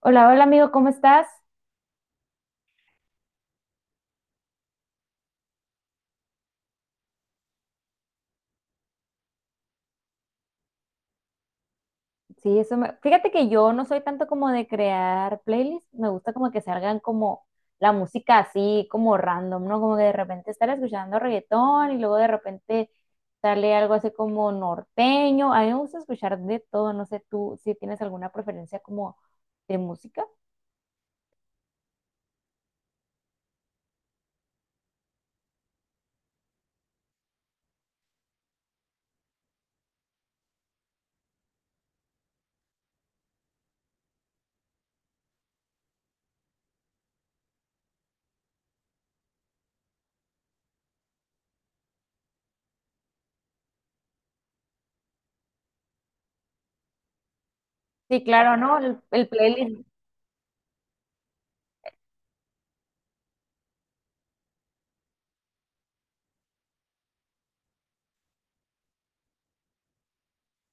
Hola, hola amigo, ¿cómo estás? Sí, eso me... Fíjate que yo no soy tanto como de crear playlists, me gusta como que salgan como la música así, como random, ¿no? Como que de repente estar escuchando reggaetón y luego de repente sale algo así como norteño. A mí me gusta escuchar de todo, no sé tú si tienes alguna preferencia como de música. Sí, claro, ¿no? El playlist.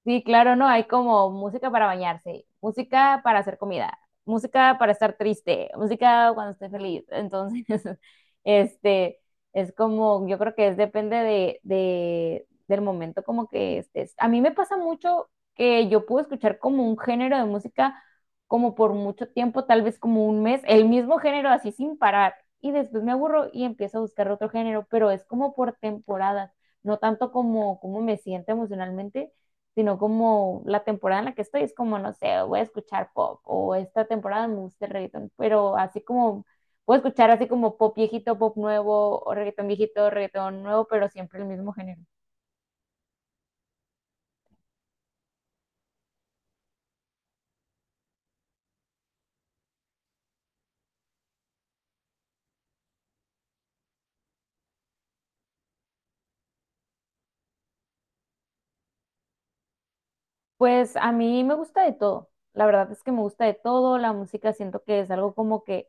Sí, claro, no, hay como música para bañarse, música para hacer comida, música para estar triste, música cuando esté feliz. Entonces, este, es como, yo creo que es depende del momento como que estés. A mí me pasa mucho que yo puedo escuchar como un género de música como por mucho tiempo, tal vez como un mes, el mismo género así sin parar. Y después me aburro y empiezo a buscar otro género, pero es como por temporadas, no tanto como, como me siento emocionalmente, sino como la temporada en la que estoy es como, no sé, voy a escuchar pop o esta temporada me gusta el reggaetón, pero así como puedo escuchar así como pop viejito, pop nuevo, o reggaetón viejito, reggaetón nuevo, pero siempre el mismo género. Pues a mí me gusta de todo. La verdad es que me gusta de todo, la música siento que es algo como que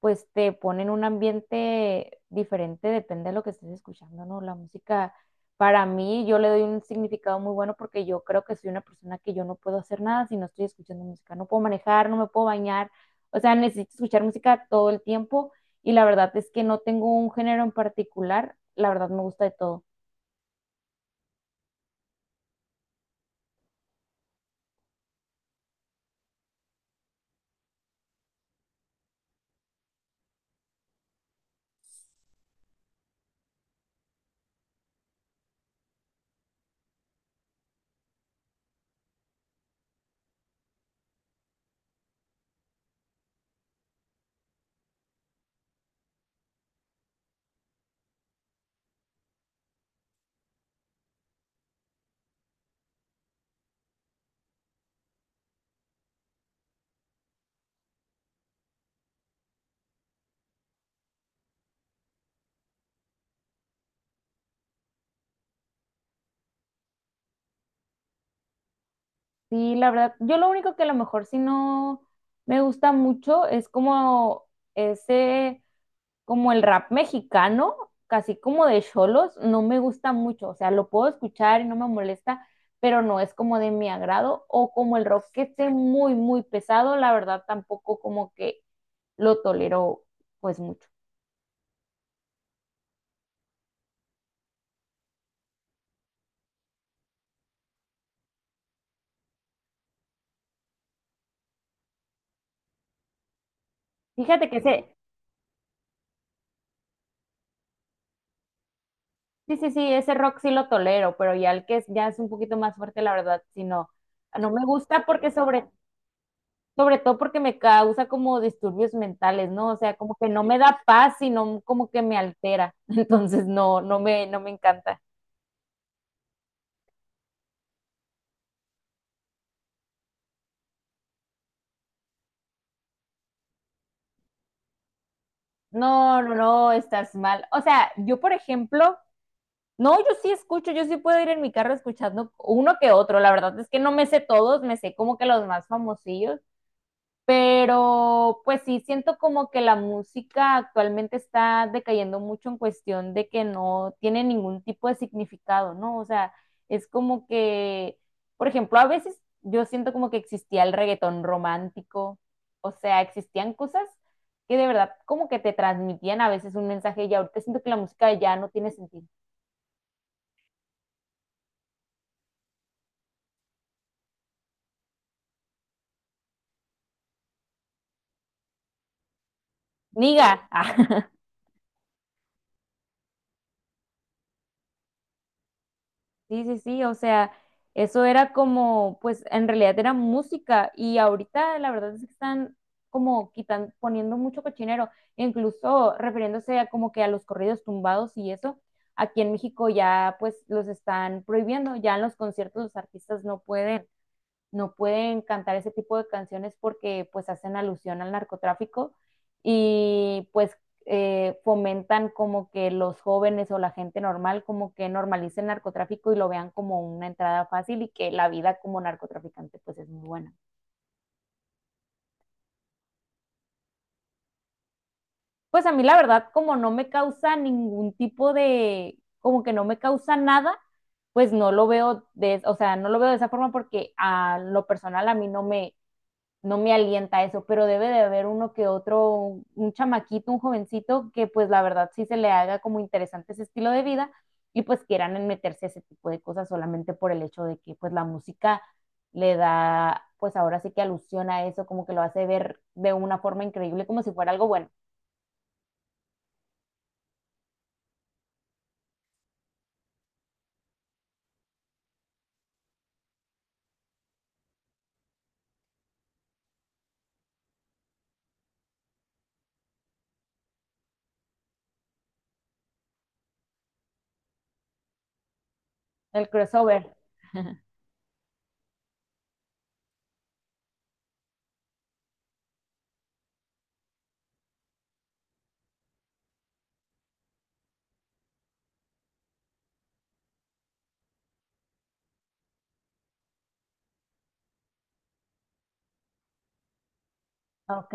pues te pone en un ambiente diferente, depende de lo que estés escuchando, ¿no? La música, para mí, yo le doy un significado muy bueno porque yo creo que soy una persona que yo no puedo hacer nada si no estoy escuchando música, no puedo manejar, no me puedo bañar, o sea, necesito escuchar música todo el tiempo y la verdad es que no tengo un género en particular, la verdad me gusta de todo. Sí, la verdad, yo lo único que a lo mejor si no me gusta mucho es como ese como el rap mexicano, casi como de cholos, no me gusta mucho. O sea, lo puedo escuchar y no me molesta, pero no es como de mi agrado. O como el rock que esté muy, muy pesado, la verdad tampoco como que lo tolero pues mucho. Fíjate que ese, sí, sí, sí, ese rock sí lo tolero, pero ya el que es, ya es un poquito más fuerte, la verdad, si no, no me gusta porque sobre todo porque me causa como disturbios mentales, ¿no? O sea, como que no me da paz, sino como que me altera. Entonces, no, no me, no me encanta. No, no, no, estás mal. O sea, yo, por ejemplo, no, yo sí escucho, yo sí puedo ir en mi carro escuchando uno que otro. La verdad es que no me sé todos, me sé como que los más famosillos. Pero pues sí, siento como que la música actualmente está decayendo mucho en cuestión de que no tiene ningún tipo de significado, ¿no? O sea, es como que, por ejemplo, a veces yo siento como que existía el reggaetón romántico, o sea, existían cosas que de verdad como que te transmitían a veces un mensaje y ahorita siento que la música ya no tiene sentido. Niga. Sí, sí, sí, o sea, eso era como, pues en realidad era música y ahorita la verdad es que están como quitan, poniendo mucho cochinero, incluso refiriéndose a como que a los corridos tumbados y eso, aquí en México ya pues los están prohibiendo, ya en los conciertos los artistas no pueden cantar ese tipo de canciones porque pues hacen alusión al narcotráfico y pues fomentan como que los jóvenes o la gente normal como que normalice el narcotráfico y lo vean como una entrada fácil y que la vida como narcotraficante pues es muy buena. Pues a mí la verdad como no me causa ningún tipo de, como que no me causa nada, pues no lo veo de, o sea, no lo veo de esa forma porque a lo personal a mí no me, no me alienta eso, pero debe de haber uno que otro, un chamaquito, un jovencito que pues la verdad sí se le haga como interesante ese estilo de vida y pues quieran meterse a ese tipo de cosas solamente por el hecho de que pues la música le da, pues ahora sí que alusión a eso, como que lo hace ver de una forma increíble, como si fuera algo bueno. El crossover, ¿ok?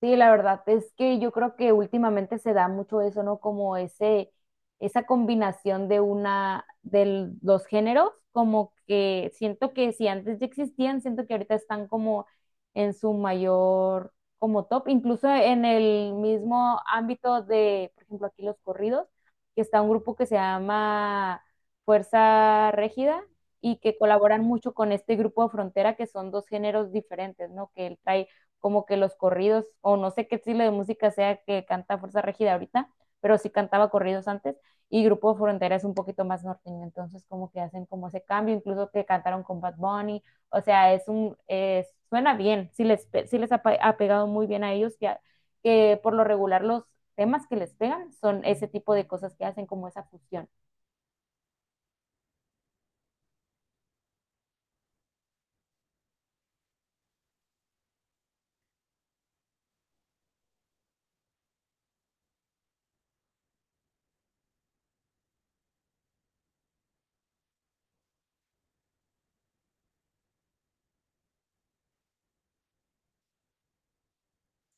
Sí, la verdad es que yo creo que últimamente se da mucho eso, ¿no? Como ese, esa combinación de una, de los géneros, como que siento que si antes ya existían, siento que ahorita están como en su mayor, como top, incluso en el mismo ámbito de, por ejemplo, aquí los corridos, que está un grupo que se llama Fuerza Régida y que colaboran mucho con este grupo de Frontera, que son dos géneros diferentes, ¿no? Que él trae como que los corridos, o no sé qué estilo de música sea que canta Fuerza Regida ahorita, pero sí cantaba corridos antes, y Grupo Frontera es un poquito más norteño, entonces como que hacen como ese cambio, incluso que cantaron con Bad Bunny, o sea, es, suena bien, sí les ha, ha pegado muy bien a ellos, que por lo regular los temas que les pegan son ese tipo de cosas que hacen como esa fusión.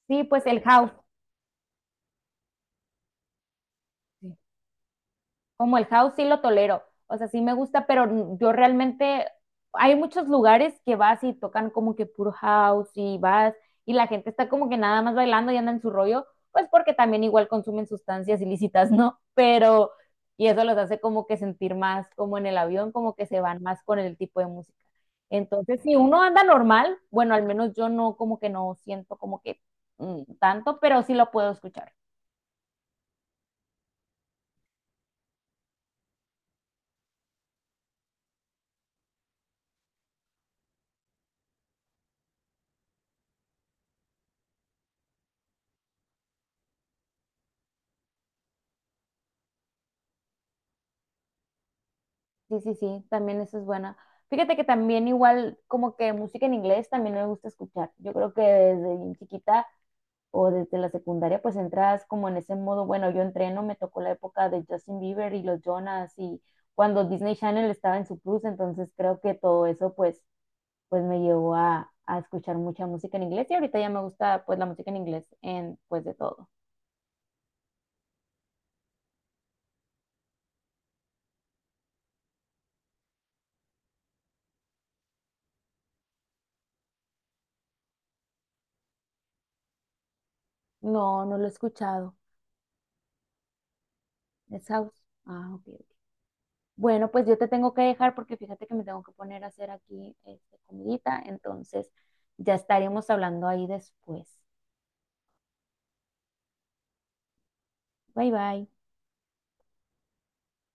Sí, pues el house. Sí. Como el house sí lo tolero, o sea, sí me gusta, pero yo realmente, hay muchos lugares que vas y tocan como que puro house y vas y la gente está como que nada más bailando y anda en su rollo, pues porque también igual consumen sustancias ilícitas, ¿no? Pero, y eso los hace como que sentir más como en el avión, como que se van más con el tipo de música. Entonces, si uno anda normal, bueno, al menos yo no como que no siento como que tanto, pero sí lo puedo escuchar. Sí, sí, sí, también eso es buena. Fíjate que también igual como que música en inglés también me gusta escuchar. Yo creo que desde bien chiquita o desde la secundaria pues entras como en ese modo, bueno, yo entreno, me tocó la época de Justin Bieber y los Jonas y cuando Disney Channel estaba en su plus, entonces creo que todo eso pues pues me llevó a escuchar mucha música en inglés y ahorita ya me gusta pues la música en inglés en pues de todo. No, no lo he escuchado. Es house. Ah, ok. Ok. Bueno, pues yo te tengo que dejar porque fíjate que me tengo que poner a hacer aquí este, comidita, entonces ya estaremos hablando ahí después. Bye bye.